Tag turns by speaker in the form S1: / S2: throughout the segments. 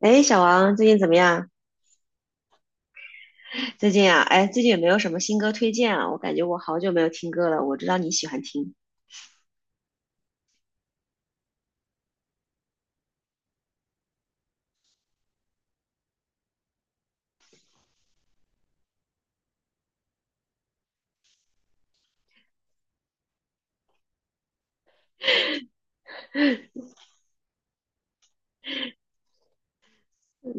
S1: 哎，小王，最近怎么样？最近啊，哎，最近有没有什么新歌推荐啊？我感觉我好久没有听歌了。我知道你喜欢听。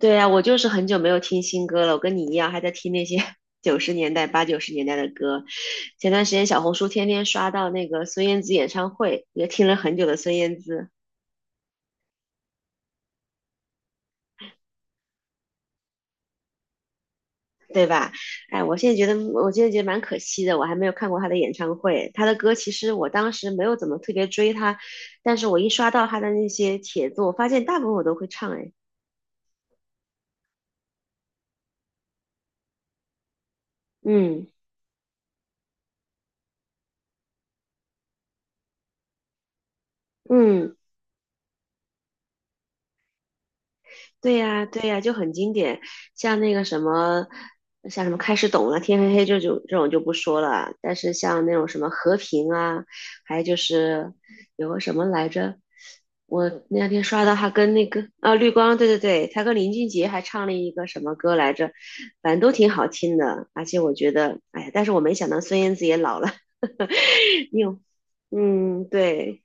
S1: 对呀，我就是很久没有听新歌了。我跟你一样，还在听那些 九十年代、八九十年代的歌。前段时间小红书天天刷到那个孙燕姿演唱会，也听了很久的孙燕姿，对吧？哎，我现在觉得蛮可惜的，我还没有看过她的演唱会。她的歌其实我当时没有怎么特别追她，但是我一刷到她的那些帖子，我发现大部分我都会唱。哎，嗯。嗯，对呀，对呀，就很经典，像那个什么，像什么开始懂了，天黑黑这种就不说了，但是像那种什么和平啊，还有就是有个什么来着，我那两天刷到他跟那个绿光，对对对，他跟林俊杰还唱了一个什么歌来着，反正都挺好听的，而且我觉得，哎呀，但是我没想到孙燕姿也老了，你有，嗯，对。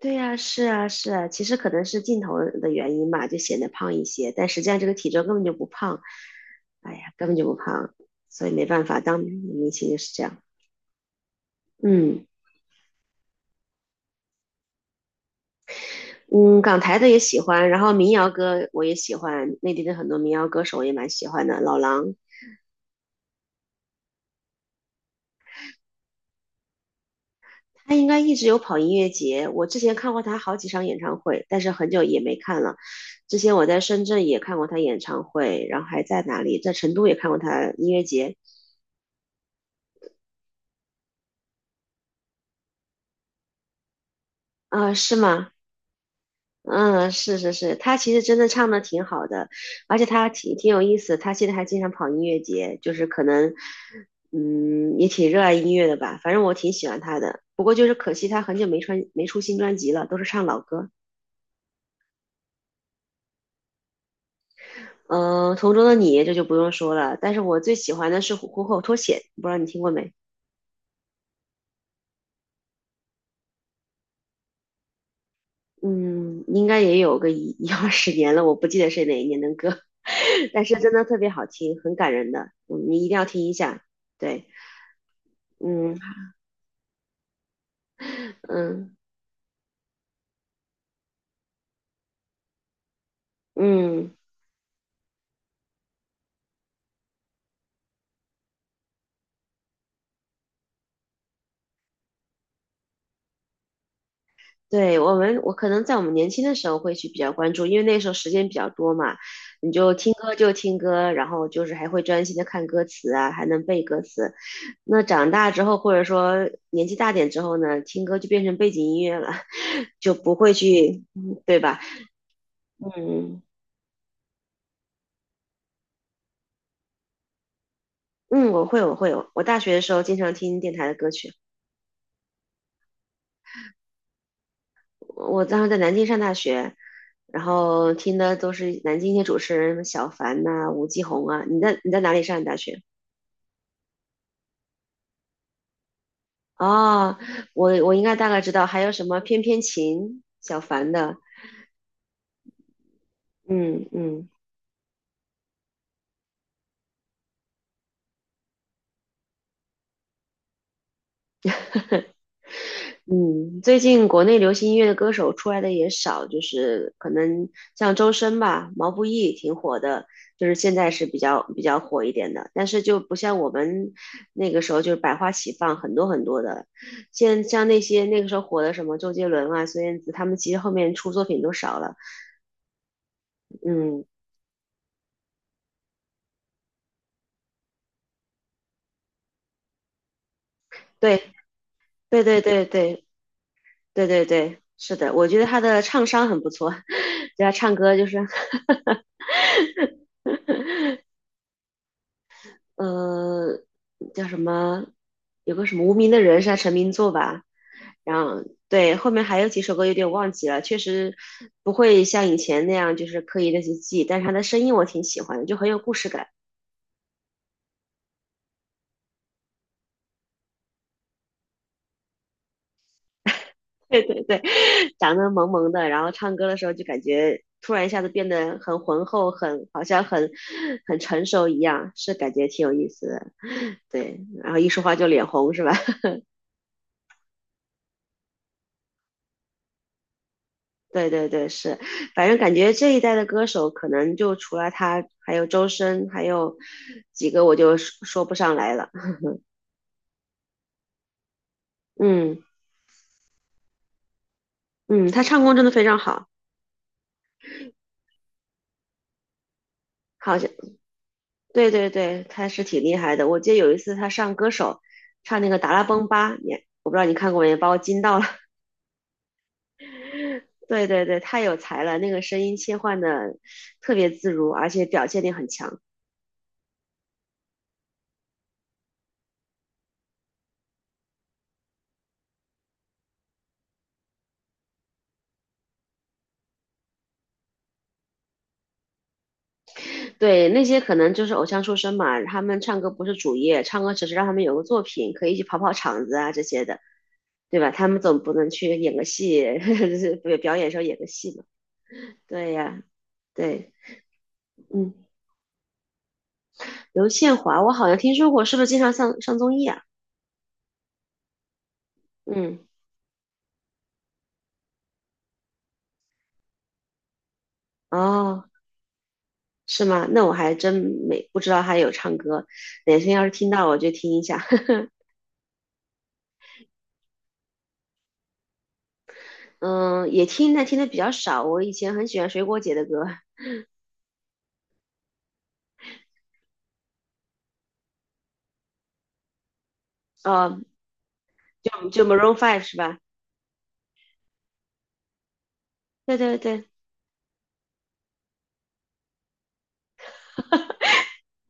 S1: 对呀，是啊，是啊，其实可能是镜头的原因吧，就显得胖一些，但实际上这个体重根本就不胖，哎呀，根本就不胖，所以没办法，当明星就是这样。嗯嗯，港台的也喜欢，然后民谣歌我也喜欢，内地的很多民谣歌手我也蛮喜欢的。老狼他应该一直有跑音乐节，我之前看过他好几场演唱会，但是很久也没看了。之前我在深圳也看过他演唱会，然后还在哪里，在成都也看过他音乐节。啊、是吗？嗯，是是是，他其实真的唱的挺好的，而且他挺有意思，他现在还经常跑音乐节，就是可能，嗯，也挺热爱音乐的吧，反正我挺喜欢他的。不过就是可惜他很久没出新专辑了，都是唱老歌。嗯，《同桌的你》这就不用说了，但是我最喜欢的是《虎口脱险》，不知道你听过没？嗯，应该也有个一二十年了，我不记得是哪一年的歌，但是真的特别好听，很感人的，嗯，你一定要听一下。对，嗯嗯。嗯，对，我可能在我们年轻的时候会去比较关注，因为那时候时间比较多嘛，你就听歌就听歌，然后就是还会专心的看歌词啊，还能背歌词。那长大之后，或者说年纪大点之后呢，听歌就变成背景音乐了，就不会去，嗯对吧？嗯嗯，我会，我会，我大学的时候经常听电台的歌曲，我当时在南京上大学。然后听的都是南京一些主持人，什么小凡呐、吴奇红啊。你在哪里上的大学？哦，我应该大概知道，还有什么翩翩琴，小凡的，嗯嗯嗯，最近国内流行音乐的歌手出来的也少，就是可能像周深吧，毛不易挺火的，就是现在是比较火一点的，但是就不像我们那个时候就是百花齐放，很多很多的，现像那些那个时候火的什么周杰伦啊、孙燕姿，他们其实后面出作品都少了，嗯，对对对对对。对对对，是的，我觉得他的唱商很不错，就他唱歌就是，呃，叫什么，有个什么无名的人是他成名作吧，然后对后面还有几首歌有点忘记了，确实不会像以前那样就是刻意的去记，但是他的声音我挺喜欢的，就很有故事感。对对对，长得萌萌的，然后唱歌的时候就感觉突然一下子变得很浑厚，很好像很成熟一样，是感觉挺有意思的。对，然后一说话就脸红是吧？对对对，是，反正感觉这一代的歌手可能就除了他，还有周深，还有几个我就说不上来了。嗯嗯，他唱功真的非常好，好像对对对，他是挺厉害的。我记得有一次他上歌手，唱那个《达拉崩吧》，我不知道你看过没，把我惊到了。对对对，太有才了，那个声音切换的特别自如，而且表现力很强。对，那些可能就是偶像出身嘛，他们唱歌不是主业，唱歌只是让他们有个作品，可以去跑跑场子啊这些的，对吧？他们总不能去演个戏，就是表演时候演个戏嘛。对呀，对，嗯，刘宪华，我好像听说过，是不是经常上综艺啊？嗯。哦，是吗？那我还真没不知道他有唱歌，哪天要是听到我就听一下。嗯，也听，但听的比较少。我以前很喜欢水果姐的歌，哦，就 Maroon Five 是吧？对对对，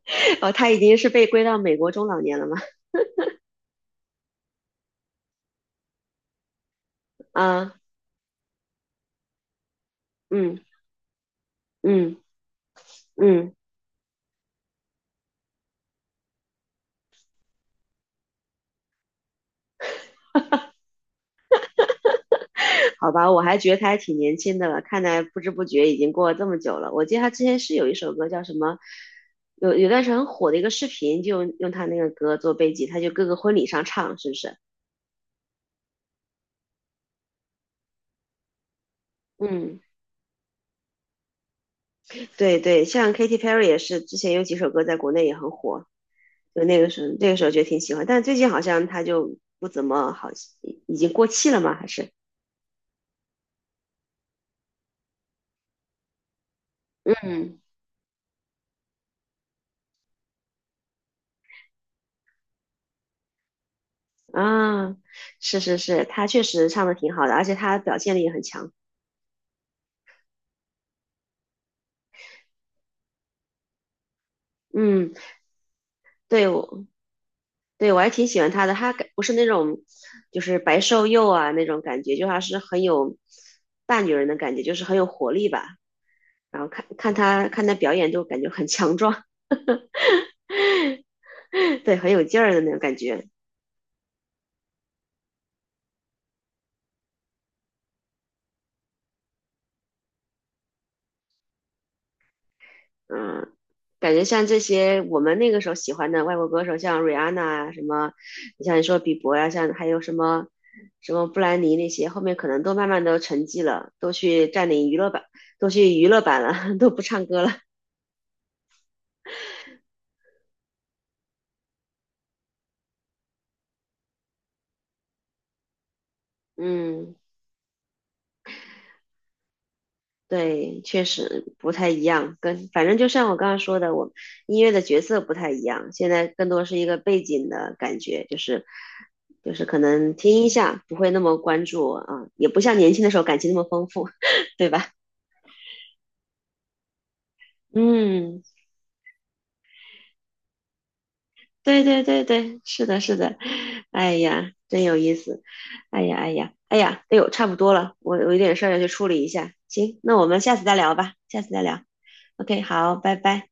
S1: 哦，他已经是被归到美国中老年了嘛？啊，嗯嗯嗯，好吧，我还觉得他还挺年轻的了，看来不知不觉已经过了这么久了。我记得他之前是有一首歌叫什么，有段时间很火的一个视频，就用他那个歌做背景，他就各个婚礼上唱，是不是？嗯，对对，像 Katy Perry 也是，之前有几首歌在国内也很火，就那个时候觉得挺喜欢，但最近好像她就不怎么好，已经过气了吗？还是？嗯，啊，是是是，她确实唱的挺好的，而且她表现力也很强。嗯，对我对我还挺喜欢她的，她感不是那种就是白瘦幼啊那种感觉，就还是很有大女人的感觉，就是很有活力吧。然后看她表演，就感觉很强壮，对，很有劲儿的那种感觉。嗯，感觉像这些我们那个时候喜欢的外国歌手，像瑞安娜啊，什么，你说比伯呀、像还有什么布兰妮那些，后面可能都慢慢都沉寂了，都去占领娱乐版，都去娱乐版了，都不唱歌了。嗯。对，确实不太一样，跟反正就像我刚刚说的，我音乐的角色不太一样，现在更多是一个背景的感觉，就是可能听一下，不会那么关注啊，也不像年轻的时候感情那么丰富，对吧？嗯，对对对对，是的，是的，哎呀，真有意思，哎呀哎呀哎呀，哎呦，差不多了，我有点事儿要去处理一下，行，那我们下次再聊吧，下次再聊，OK，好，拜拜。